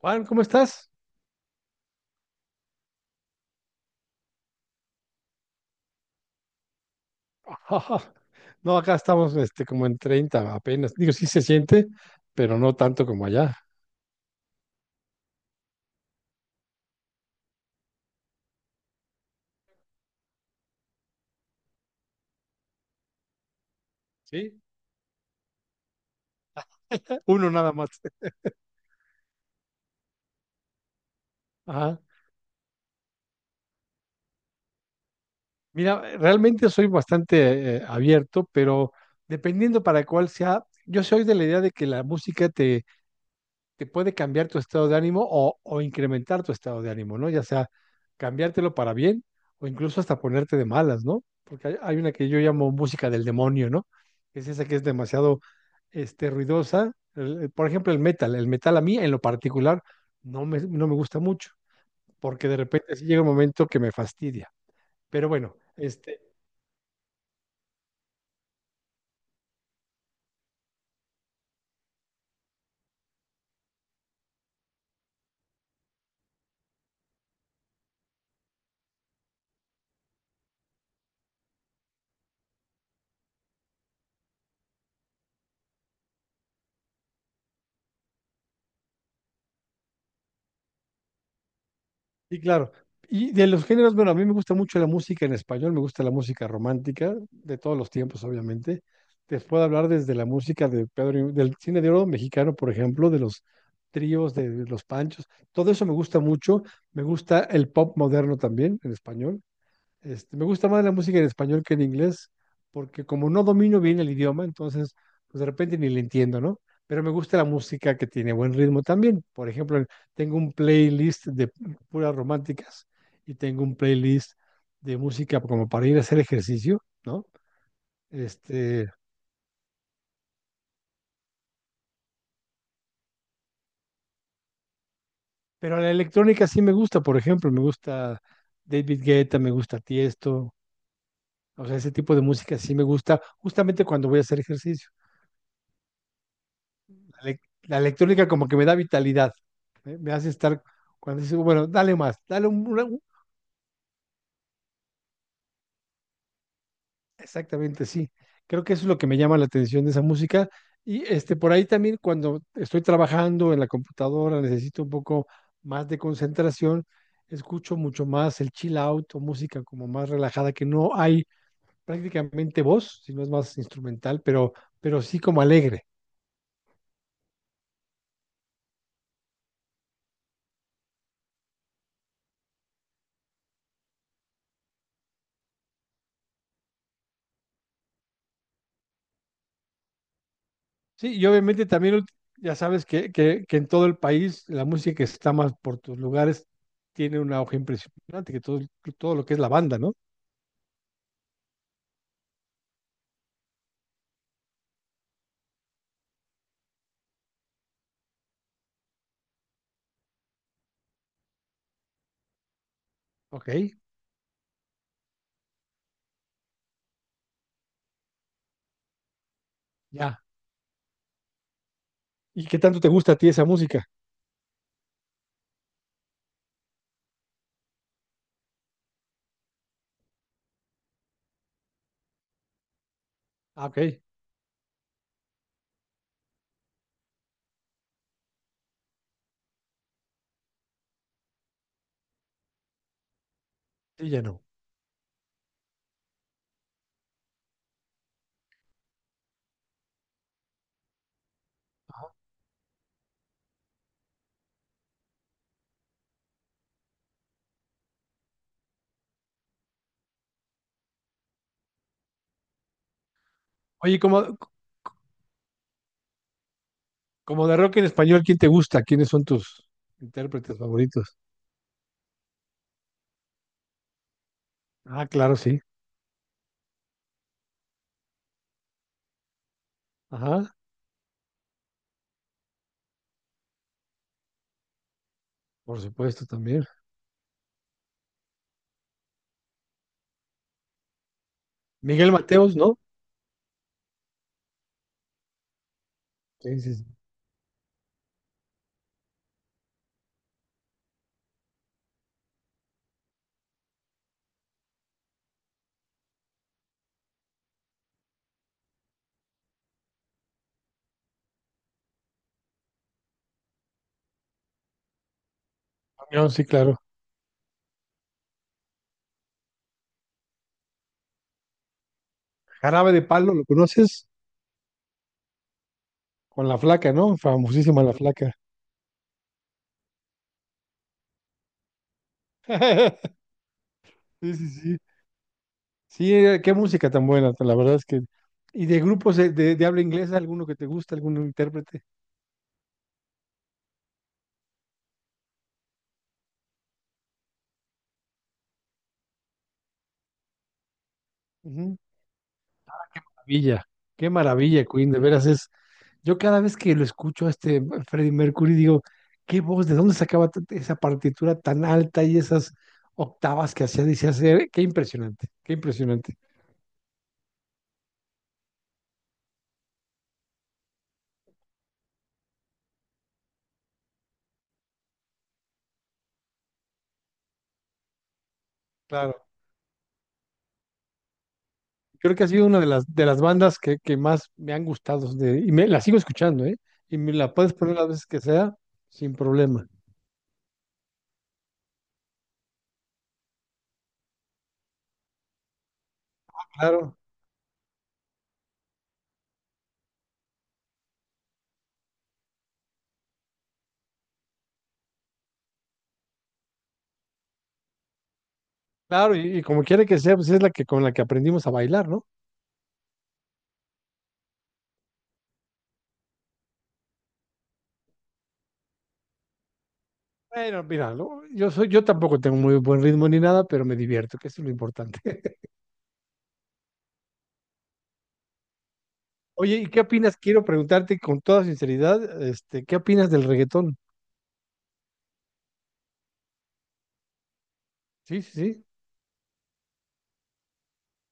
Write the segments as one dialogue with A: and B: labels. A: Juan, ¿cómo estás? No, acá estamos como en 30 apenas. Digo, sí se siente, pero no tanto como allá. Sí, uno nada más. Ajá. Mira, realmente soy bastante abierto, pero dependiendo para cuál sea, yo soy de la idea de que la música te puede cambiar tu estado de ánimo o incrementar tu estado de ánimo, ¿no? Ya sea cambiártelo para bien o incluso hasta ponerte de malas, ¿no? Porque hay una que yo llamo música del demonio, ¿no? Es esa que es demasiado ruidosa. Por ejemplo, el metal. El metal a mí, en lo particular, no me gusta mucho, porque de repente sí llega un momento que me fastidia. Pero bueno, este, sí, claro. Y de los géneros, bueno, a mí me gusta mucho la música en español, me gusta la música romántica, de todos los tiempos, obviamente. Te puedo hablar desde la música de Pedro, del cine de oro mexicano, por ejemplo, de los tríos, de los panchos. Todo eso me gusta mucho. Me gusta el pop moderno también, en español. Este, me gusta más la música en español que en inglés, porque como no domino bien el idioma, entonces, pues de repente ni le entiendo, ¿no? Pero me gusta la música que tiene buen ritmo también. Por ejemplo, tengo un playlist de puras románticas y tengo un playlist de música como para ir a hacer ejercicio, ¿no? Este, pero la electrónica sí me gusta, por ejemplo, me gusta David Guetta, me gusta Tiesto, o sea, ese tipo de música sí me gusta justamente cuando voy a hacer ejercicio. La electrónica como que me da vitalidad, ¿eh? Me hace estar, cuando dice, bueno, dale más, dale un-". Exactamente, sí. Creo que eso es lo que me llama la atención de esa música. Y este, por ahí también cuando estoy trabajando en la computadora, necesito un poco más de concentración, escucho mucho más el chill out o música como más relajada, que no hay prácticamente voz, sino es más instrumental, pero sí como alegre. Sí, y obviamente también ulti- ya sabes que en todo el país la música que está más por tus lugares tiene una hoja impresionante, que todo lo que es la banda, ¿no? Ok, ya. ¿Y qué tanto te gusta a ti esa música? Ah, ok, sí, ya no. Oye, como de rock en español, ¿quién te gusta? ¿Quiénes son tus intérpretes favoritos? Ah, claro, sí. Ajá, por supuesto también. Miguel Mateos, ¿no? Sí, sí, sí. No, sí, claro. Jarabe de Palo, ¿lo conoces? Con la flaca, ¿no? Famosísima la flaca. Sí, sí, sí. Sí, qué música tan buena, la verdad es que... ¿Y de grupos de habla inglesa, alguno que te gusta, algún intérprete? Ujú. Maravilla, qué maravilla, Queen, de veras es... Yo cada vez que lo escucho a este Freddie Mercury digo, qué voz, ¿de dónde sacaba t- esa partitura tan alta y esas octavas que hacía? Dice hacer, qué impresionante, qué impresionante. Claro. Creo que ha sido una de de las bandas que más me han gustado de- y me, la sigo escuchando, ¿eh? Y me la puedes poner las veces que sea sin problema. Claro. Claro, y como quiera que sea, pues es la que con la que aprendimos a bailar, ¿no? Bueno, mira, lo- yo soy, yo tampoco tengo muy buen ritmo ni nada, pero me divierto, que eso es lo importante. Oye, ¿y qué opinas? Quiero preguntarte con toda sinceridad, este, ¿qué opinas del reggaetón? Sí, sí, sí.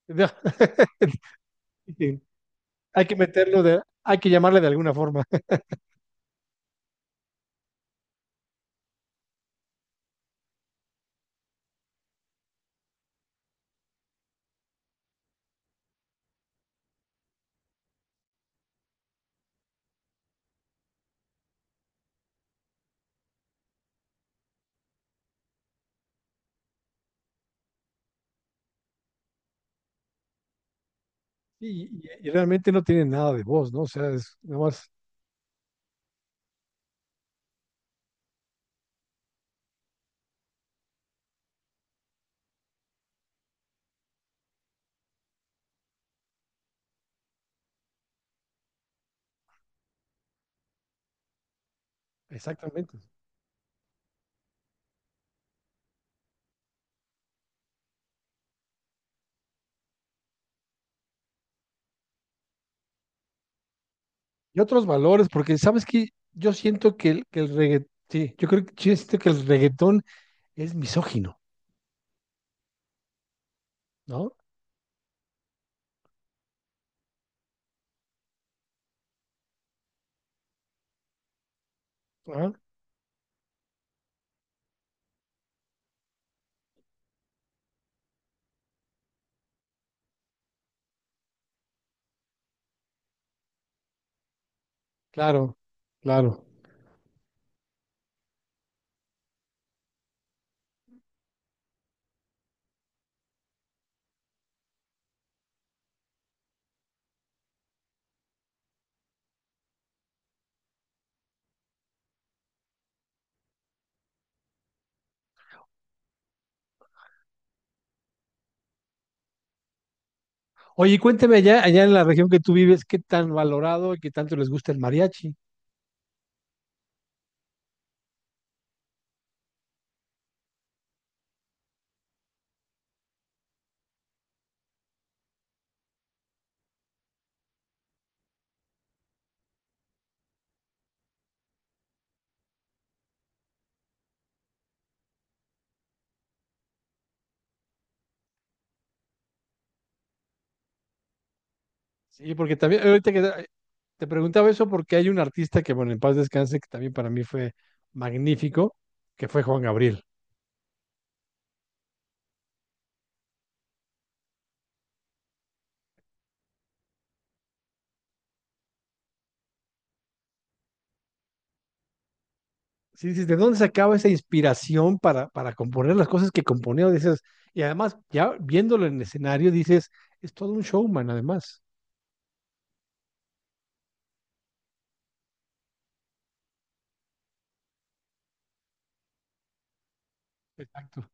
A: Ya. Sí, hay que meterlo de, hay que llamarle de alguna forma. Y realmente no tiene nada de voz, ¿no? O sea, es nada más, exactamente. Y otros valores, porque sabes que yo siento que que el reggaetón, sí, yo creo que yo siento que el reggaetón es misógino, ¿no? Ah, claro, claro. Oye, y cuénteme allá, allá en la región que tú vives, ¿qué tan valorado y qué tanto les gusta el mariachi? Sí, porque también, ahorita que te preguntaba eso porque hay un artista que, bueno, en paz descanse, que también para mí fue magnífico, que fue Juan Gabriel. Sí, dices, ¿de dónde sacaba esa inspiración para componer las cosas que componía? Dices, y además, ya viéndolo en escenario, dices, es todo un showman, además. Exacto.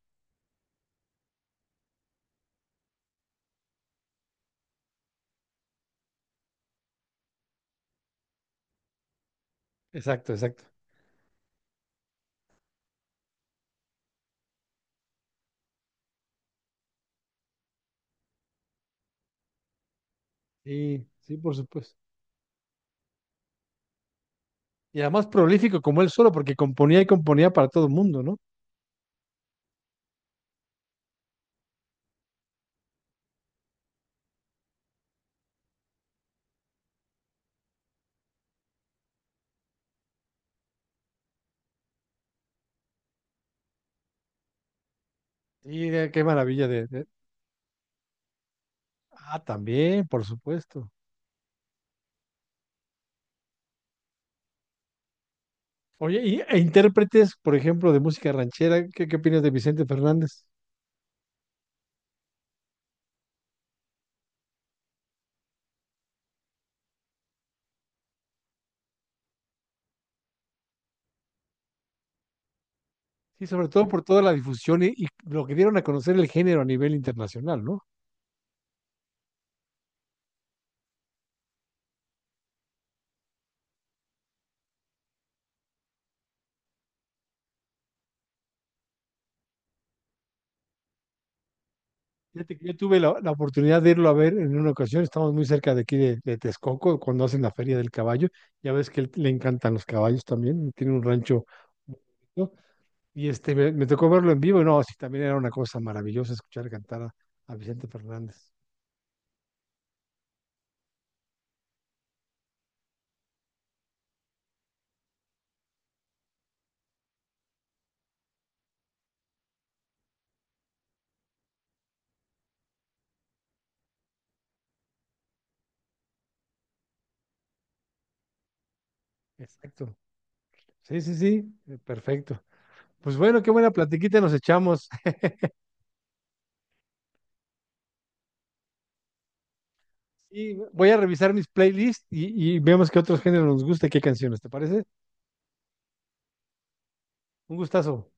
A: Exacto, exacto. Sí, sí, por supuesto. Y además prolífico como él solo, porque componía y componía para todo el mundo, ¿no? Y qué maravilla ah, también, por supuesto. Oye, intérpretes, por ejemplo, de música ranchera, ¿qué opinas de Vicente Fernández? Sí, sobre todo por toda la difusión y lo que dieron a conocer el género a nivel internacional, ¿no? Fíjate que yo tuve la oportunidad de irlo a ver en una ocasión, estamos muy cerca de aquí de Texcoco, cuando hacen la Feria del Caballo, ya ves que él- le encantan los caballos también, tiene un rancho. Y este, me tocó verlo en vivo, y no, sí, también era una cosa maravillosa escuchar cantar a Vicente Fernández. Exacto. Sí, sí, sí, perfecto. Pues bueno, qué buena platiquita nos echamos. Y voy a revisar mis playlists y vemos qué otros géneros nos gusta y qué canciones, ¿te parece? Un gustazo.